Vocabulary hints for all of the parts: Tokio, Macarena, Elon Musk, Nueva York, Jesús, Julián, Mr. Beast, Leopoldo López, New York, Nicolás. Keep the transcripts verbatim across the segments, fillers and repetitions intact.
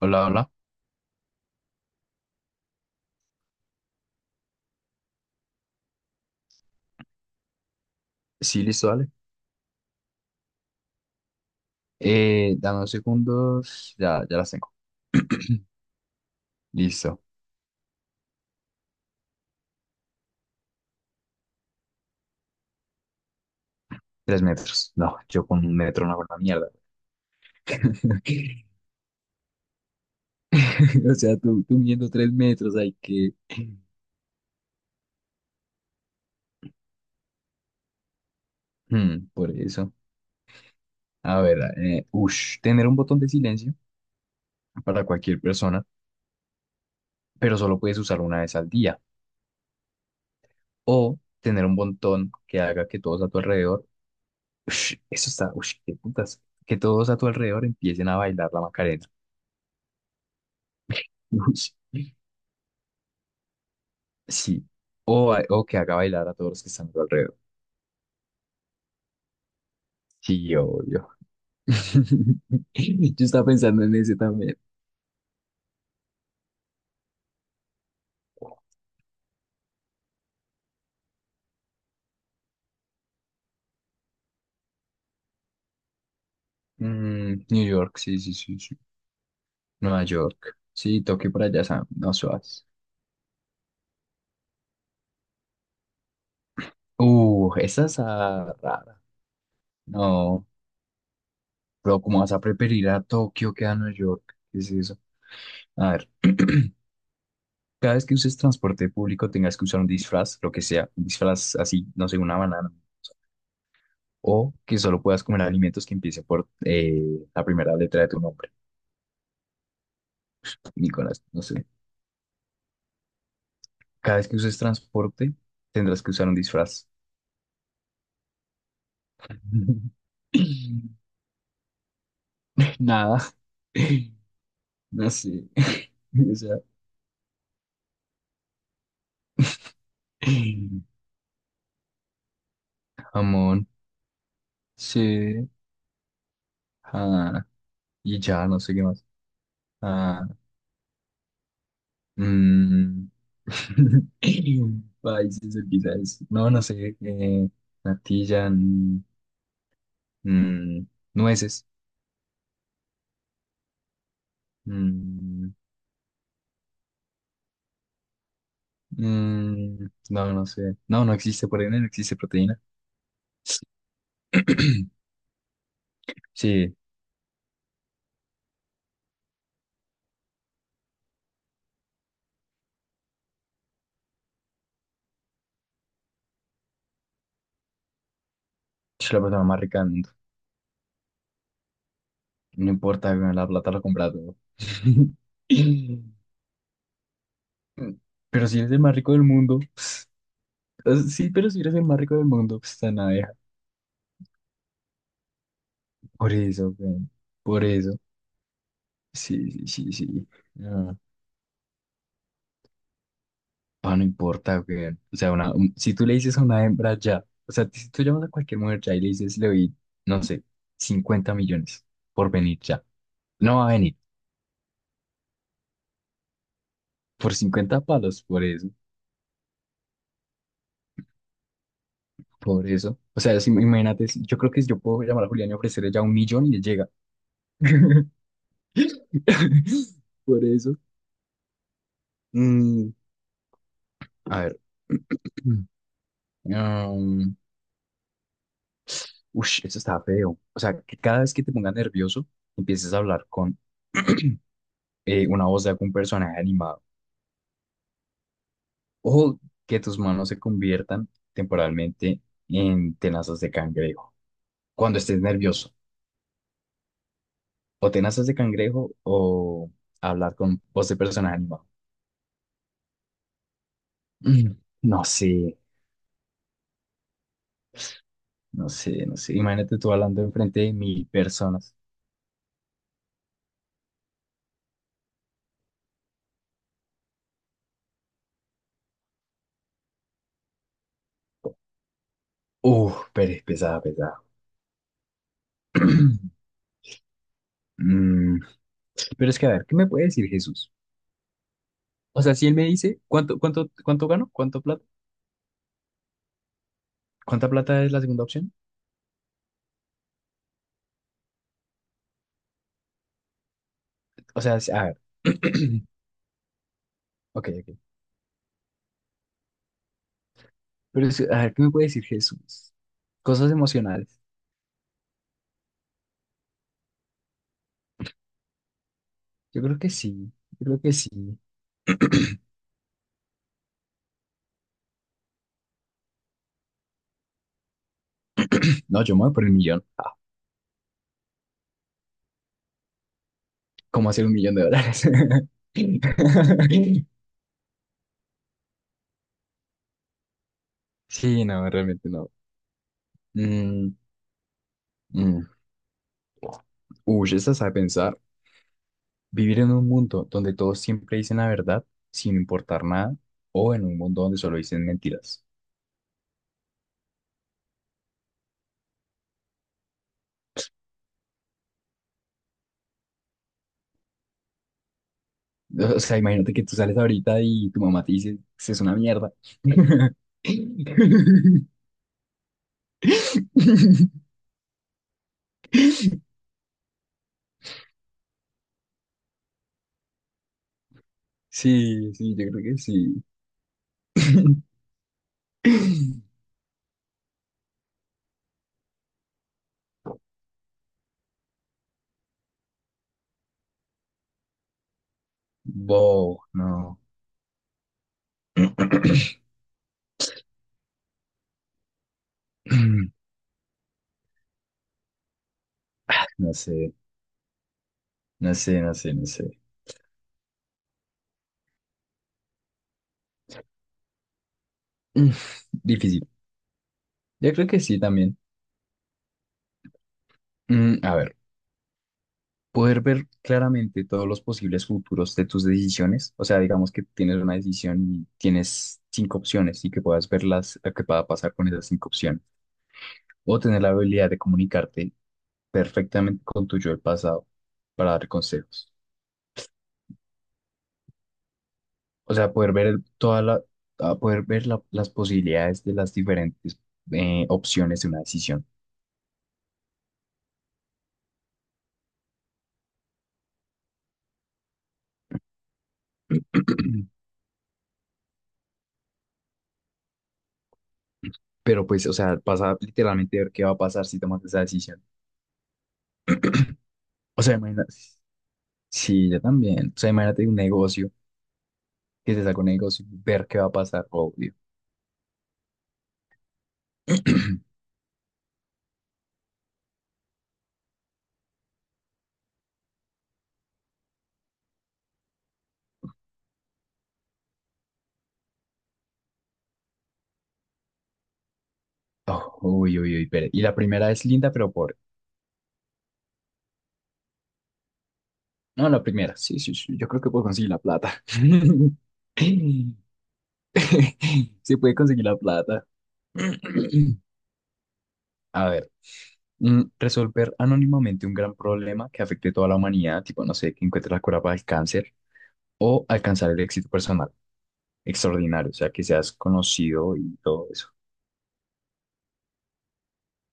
Hola, hola. Sí, listo, dale. Eh, dame unos segundos. Ya, ya las tengo. Listo. Tres metros. No, yo con un metro no hago una mierda. O sea, tú, tú midiendo tres metros, hay que... Hmm, por eso. A ver, eh, ush, tener un botón de silencio para cualquier persona, pero solo puedes usar una vez al día. O tener un botón que haga que todos a tu alrededor... Ush, eso está... Ush, qué putas. Que todos a tu alrededor empiecen a bailar la Macarena. Ush. Sí. O, a- o que haga bailar a todos los que están a tu alrededor. Sí, obvio. Yo estaba pensando en ese también. Mm, New York, sí, sí, sí, sí. Nueva York. Sí, Tokio por allá, Sam. No, suas. Uh, esa es ah, rara. No, pero ¿cómo vas a preferir a Tokio que a Nueva York? ¿Qué es eso? A ver. Cada vez que uses transporte público, tengas que usar un disfraz, lo que sea, un disfraz así, no sé, una banana. O que solo puedas comer alimentos que empiecen por eh, la primera letra de tu nombre, Nicolás. No sé. Cada vez que uses transporte, tendrás que usar un disfraz. Nada. No sé. O sea, jamón, sí. Ah, y ya, no sé qué más. Ah, mm. Países, quizás. No, no sé. Eh, natilla, mm, mm, nueces. Mm, mm, no, no sé. No, no existe proteína, no existe proteína. Sí, soy la persona más rica del mundo. No importa, weón, la plata lo compra todo. Pero si eres el más rico del mundo. O sea, sí, pero si eres el más rico del mundo, pues está en la abeja. Por eso, weón, por eso. Sí, sí, sí, sí. No. Ah, no importa, güey. O sea, una, un- si tú le dices a una hembra ya, o sea, si tú llamas a cualquier mujer ya y le dices, le doy, no sé, cincuenta millones por venir ya. No va a venir. Por cincuenta palos, por eso, por eso. O sea, si- imagínate, si- yo creo que yo puedo llamar a Julián y ofrecerle ya un millón y le llega. Por eso. Mm, a ver. Um, ush, eso está feo. O sea, que cada vez que te pongas nervioso, empieces a hablar con eh, una voz de algún personaje animado. O que tus manos se conviertan temporalmente en tenazas de cangrejo cuando estés nervioso. O tenazas de cangrejo o hablar con voz de personaje animado. Mm, no sé, no sé, no sé. Imagínate tú hablando enfrente de mil personas. Uf, pero es pesado pesado. Mm, pero es que a ver, ¿qué me puede decir Jesús? O sea, si él me dice, ¿cuánto, cuánto, cuánto gano? ¿Cuánto plata? ¿Cuánta plata es la segunda opción? O sea, si- a ver. Ok, ok. Pero es que, a ver, ¿qué me puede decir Jesús? Cosas emocionales. Yo creo que sí. Yo creo que sí. No, yo me voy por el millón. Ah, ¿cómo hacer un millón de dólares? Sí, no, realmente no. Mm, mm. Uy, esa sabe pensar. Vivir en un mundo donde todos siempre dicen la verdad sin importar nada, o en un mundo donde solo dicen mentiras. O sea, imagínate que tú sales ahorita y tu mamá te dice, "Eso es una mierda". Sí, sí, yo creo que sí. Wow, no. No sé, no sé, no sé, no sé. Mm, difícil. Yo creo que sí también. Mm, a ver, poder ver claramente todos los posibles futuros de tus decisiones. O sea, digamos que tienes una decisión y tienes cinco opciones y que puedas verlas, lo que pueda pasar con esas cinco opciones. O tener la habilidad de comunicarte perfectamente con tu yo del pasado para dar consejos. O sea, poder ver toda la, a poder ver la- las posibilidades de las diferentes eh, opciones de una decisión. Pero pues, o sea, pasa literalmente a ver qué va a pasar si tomas esa decisión. O sea, imagínate, sí, yo también. O sea, imagínate un negocio, que se saca un negocio, ver qué va a pasar, obvio. Oh, uy, uy, uy, pero- y la primera es linda, pero pobre. No, la primera, sí, sí, sí, yo creo que puedo conseguir la plata. Se puede conseguir la plata. A ver, mm, resolver anónimamente un gran problema que afecte a toda la humanidad, tipo, no sé, que encuentre la cura para el cáncer o alcanzar el éxito personal extraordinario, o sea, que seas conocido y todo eso.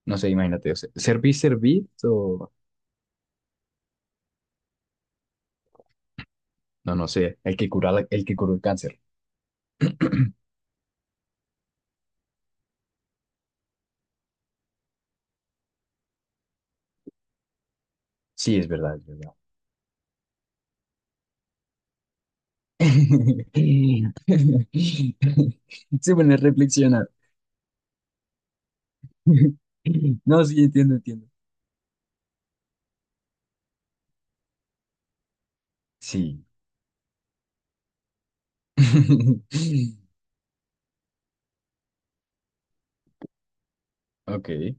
No sé, imagínate, o sea, servir, servir o no, no sé, el que cura la- el que curó el cáncer. Sí, es verdad, es verdad. Se pone a reflexionar. No, sí, entiendo, entiendo. Sí. Ok.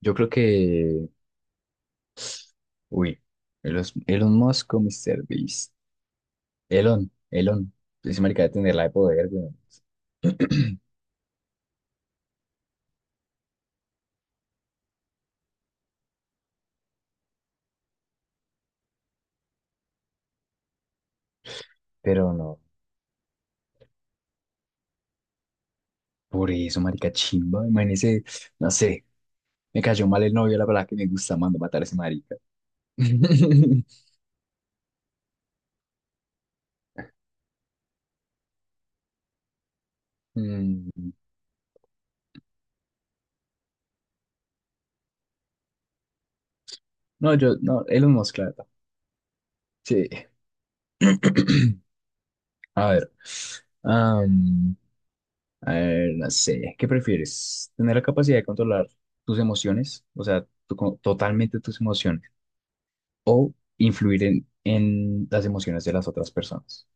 Yo creo que. Uy, Elon, Elon Musk o mister Beast. Elon, Elon. Ese marica debe tener la de poder, weón. Pero no. Por eso, marica chimba. Imagínese, no sé. Me cayó mal el novio, la verdad que me gusta, mando a matar a ese marica. Mm, no, yo, no, Elon Musk, la verdad. Sí. A ver. am, a ver, no sé. ¿Qué prefieres? ¿Tener la capacidad de controlar tus emociones? O sea, tu- co- totalmente tus emociones. O influir en, en las emociones de las otras personas.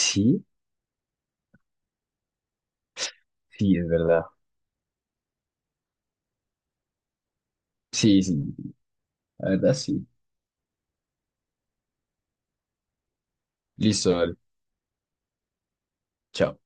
Sí, sí, es verdad. Sí, sí, la verdad sí. Listo, dale. Chao.